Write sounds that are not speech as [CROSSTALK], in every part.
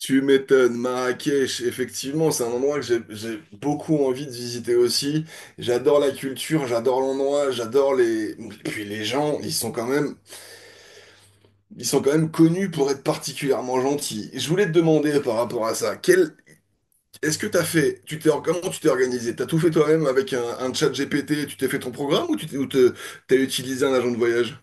Tu m'étonnes, Marrakech, effectivement, c'est un endroit que j'ai beaucoup envie de visiter aussi. J'adore la culture, j'adore l'endroit, j'adore les... Et puis les gens, ils sont quand même, ils sont quand même connus pour être particulièrement gentils. Je voulais te demander par rapport à ça, quel... est-ce que t'as fait, tu t'es, comment tu t'es organisé? T'as tout fait toi-même avec un chat GPT, tu t'es fait ton programme ou tu t'es, ou t'as utilisé un agent de voyage?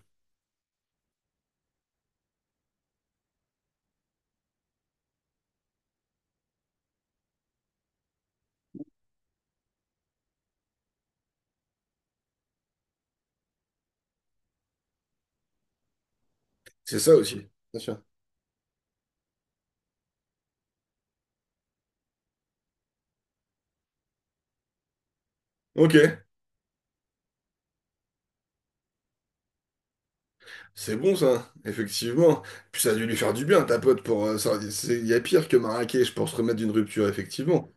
C'est ça aussi, bien sûr. Ok. C'est bon ça, effectivement. Puis ça a dû lui faire du bien, ta pote, pour ça. Il y a pire que Marrakech pour se remettre d'une rupture, effectivement.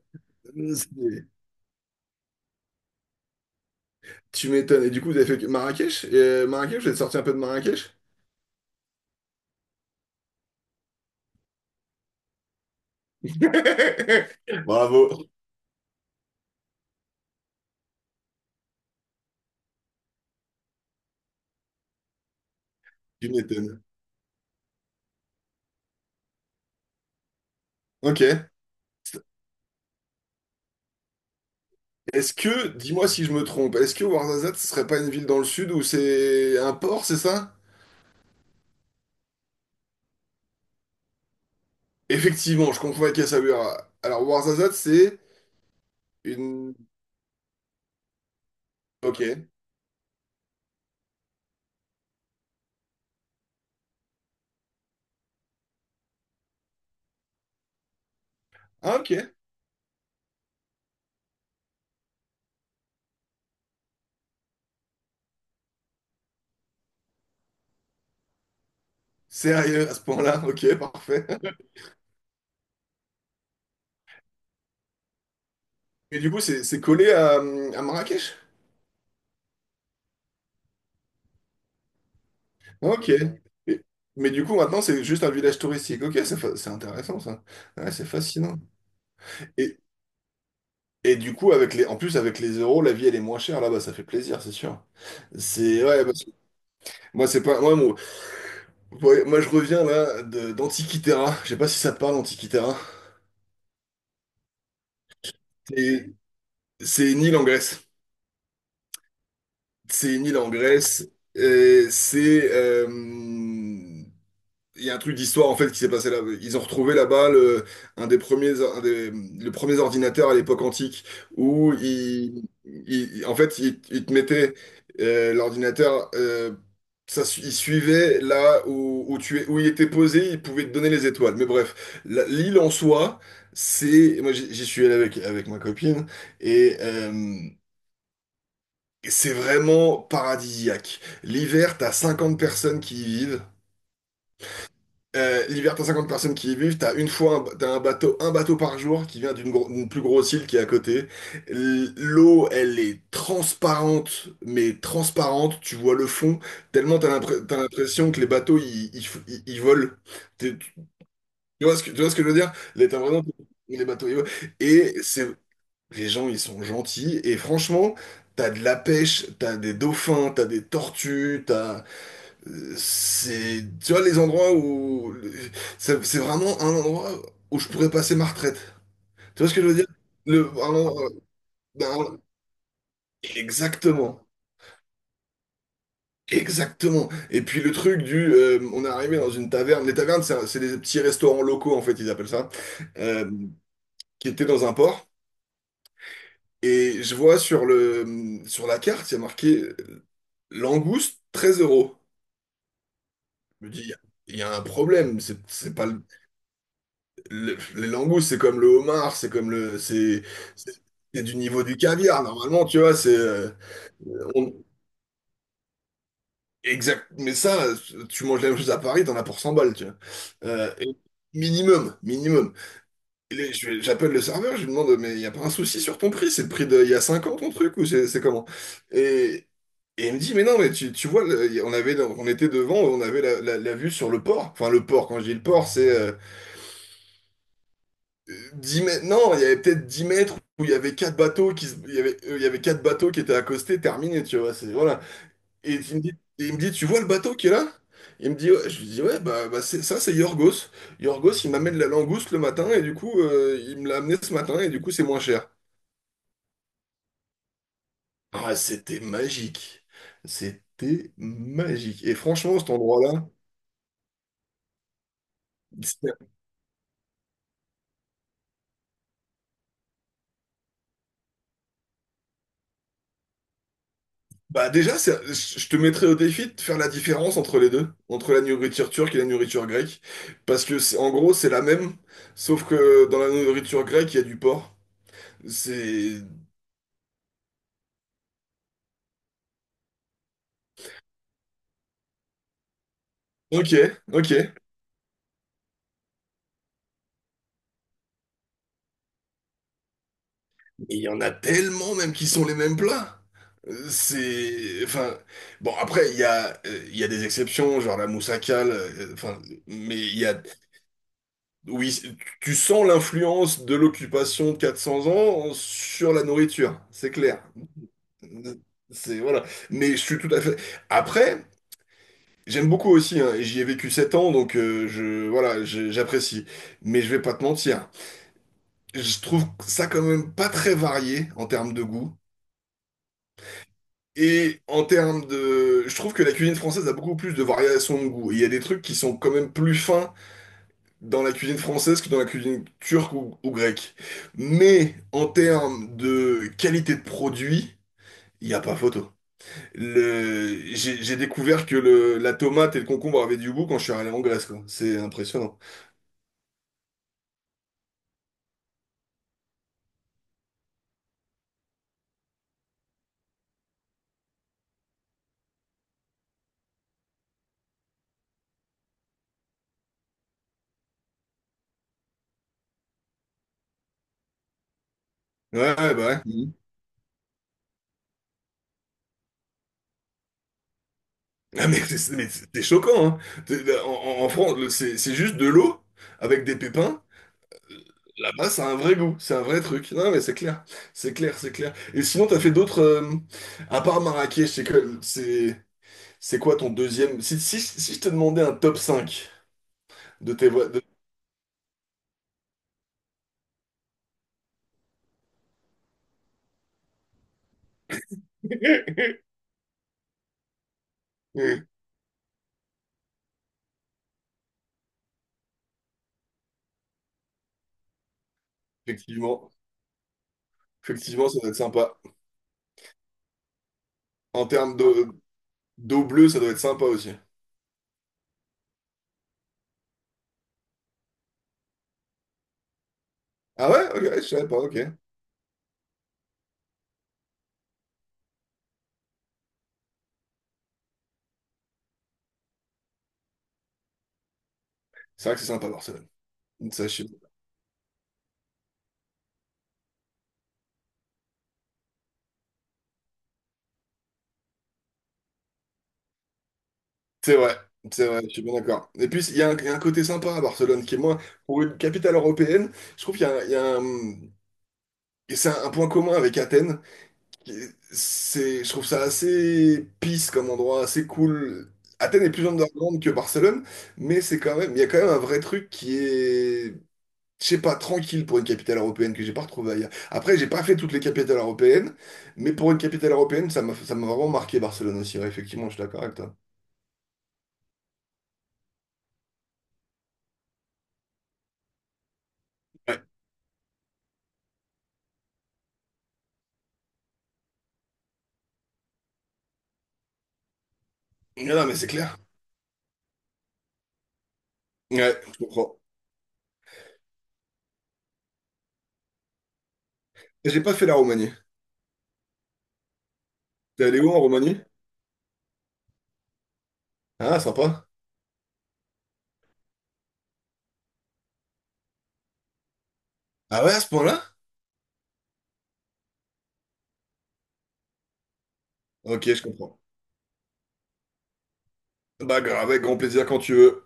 C'est- Tu m'étonnes. Et du coup, vous avez fait Marrakech? Et Marrakech, vous êtes sorti un peu de Marrakech? Bravo, tu m'étonnes. Ok. Est-ce que, dis-moi si je me trompe, est-ce que Ouarzazate, ce serait pas une ville dans le sud où c'est un port, c'est ça? Effectivement, je confonds avec Essaouira. Alors Ouarzazate, c'est une... Ok. Ah ok. Sérieux, à ce point-là, ok, parfait. Et du coup, c'est collé à Marrakech? Ok. Et- Mais du coup, maintenant, c'est juste un village touristique. Ok, c'est intéressant, ça. Ouais, c'est fascinant. Et, et du coup, avec les, en plus, avec les euros, la vie, elle est moins chère là-bas. Ça fait plaisir, c'est sûr. C'est, ouais, parce que moi, c'est pas... Moi, ouais, moi, je reviens, là, d'Antikythera. Je sais pas si ça te parle, Antikythera. C'est c'est une île en Grèce. C'est une île en Grèce. Et c'est... il y a un truc d'histoire en fait qui s'est passé là. Ils ont retrouvé là-bas le, un des premiers, un des, le premier ordinateur à l'époque antique où ils, en fait, ils te mettaient l'ordinateur, ça, ils suivaient là où, où tu es, où il était posé, ils pouvaient te donner les étoiles. Mais bref, l'île en soi, c'est, moi j'y suis allé avec ma copine et c'est vraiment paradisiaque. L'hiver, t'as 50 personnes qui y vivent. L'hiver, t'as 50 personnes qui y vivent, t'as une fois un, t'as un bateau par jour qui vient d'une d'une plus grosse île qui est à côté. L'eau, elle est transparente, mais transparente, tu vois le fond, tellement t'as t'as l'impression que les bateaux, ils, ils volent. Tu vois ce que, tu vois ce que je veux dire? Les, les bateaux, ils volent. Et c'est, les gens, ils sont gentils, et franchement, t'as de la pêche, t'as des dauphins, t'as des tortues, t'as. C'est, tu vois, les endroits où, c'est vraiment un endroit où je pourrais passer ma retraite. Tu vois ce que je veux dire? Le, un endroit- ben, un- exactement. Exactement. Et puis le truc du, on est arrivé dans une taverne. Les tavernes, c'est des petits restaurants locaux, en fait, ils appellent ça, euh, qui étaient dans un port. Et je vois sur le, sur la carte, il y a marqué langouste 13 euros. Je me dis, il y a un problème. C'est pas, les langoustes, c'est comme le homard, c'est comme le, c'est, c'est c'est du niveau du caviar. Normalement, tu vois, c'est, on- exact. Mais ça, tu manges la même chose à Paris, t'en as pour 100 balles, tu vois. Et minimum, minimum. J'appelle le serveur, je lui demande, mais il y a pas un souci sur ton prix? C'est le prix d'il y a 5 ans ton truc ou c'est comment? Et, et il me dit, mais non, mais tu vois, on avait, on était devant, on avait la, la vue sur le port. Enfin, le port. Quand je dis le port, c'est 10 mètres, non, il y avait peut-être 10 mètres où il y avait quatre bateaux il y avait quatre bateaux qui étaient accostés, terminé, tu vois, c'est voilà. Et il me dit, et il me dit, tu vois le bateau qui est là? Il me dit, ouais, je lui dis, ouais, bah, c'est, ça, c'est Yorgos. Yorgos, il m'amène la langouste le matin et du coup, il me l'a amené ce matin et du coup, c'est moins cher. Ah, c'était magique. C'était magique. Et franchement, cet endroit-là, bah déjà, je te mettrais au défi de faire la différence entre les deux, entre la nourriture turque et la nourriture grecque, parce que en gros c'est la même, sauf que dans la nourriture grecque il y a du porc. C'est ok, ok. Il y en a tellement même qui sont les mêmes plats. C'est enfin bon après il y a des exceptions genre la moussakal, enfin mais il y a oui tu sens l'influence de l'occupation de 400 ans sur la nourriture, c'est clair. C'est voilà. Mais je suis tout à fait. Après, j'aime beaucoup aussi, hein, et j'y ai vécu 7 ans, donc je voilà, j'apprécie. Mais je vais pas te mentir. Je trouve ça quand même pas très varié en termes de goût. Et en termes de, je trouve que la cuisine française a beaucoup plus de variations de goût. Il y a des trucs qui sont quand même plus fins dans la cuisine française que dans la cuisine turque ou grecque. Mais en termes de qualité de produit, il n'y a pas photo. Le... J'ai découvert que le... la tomate et le concombre avaient du goût quand je suis allé en Grèce, quoi. C'est impressionnant. Ouais, ouais, bah ouais. Mhm. Ah, mais c'est mais c'est choquant, hein. En, en France, c'est juste de l'eau avec des pépins. Là-bas, c'est un vrai goût, c'est un vrai truc. Non, mais c'est clair, c'est clair, c'est clair. Et sinon, t'as fait d'autres... à part Marrakech, c'est quoi ton deuxième... Si, si, si je te demandais un top cinq de tes... [LAUGHS] Effectivement, effectivement, ça doit être sympa. En termes de, d'eau bleue, ça doit être sympa aussi. Ah ouais? Ok, je savais pas, ok. C'est vrai que c'est sympa Barcelone. Ça, je suis- C'est vrai, c'est vrai, je suis bien d'accord. Et puis, il y a un côté sympa à Barcelone qui est moins, pour une capitale européenne, je trouve qu'il y a, un- et c'est un point commun avec Athènes. C'est, je trouve ça assez peace comme endroit, assez cool. Athènes est plus underground que Barcelone, mais c'est quand même, il y a quand même un vrai truc qui est je sais pas, tranquille pour une capitale européenne que j'ai pas retrouvée ailleurs. Après, j'ai pas fait toutes les capitales européennes, mais pour une capitale européenne, ça m'a vraiment marqué Barcelone aussi. Ouais, effectivement, je suis d'accord avec toi. Ouais. Non, non, mais c'est clair. Ouais, je comprends. J'ai pas fait la Roumanie. T'es allé où en Roumanie? Ah, sympa. Ah ouais, à ce point-là? Ok, je comprends. Bah grave, avec grand plaisir quand tu veux.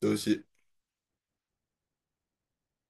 Toi aussi.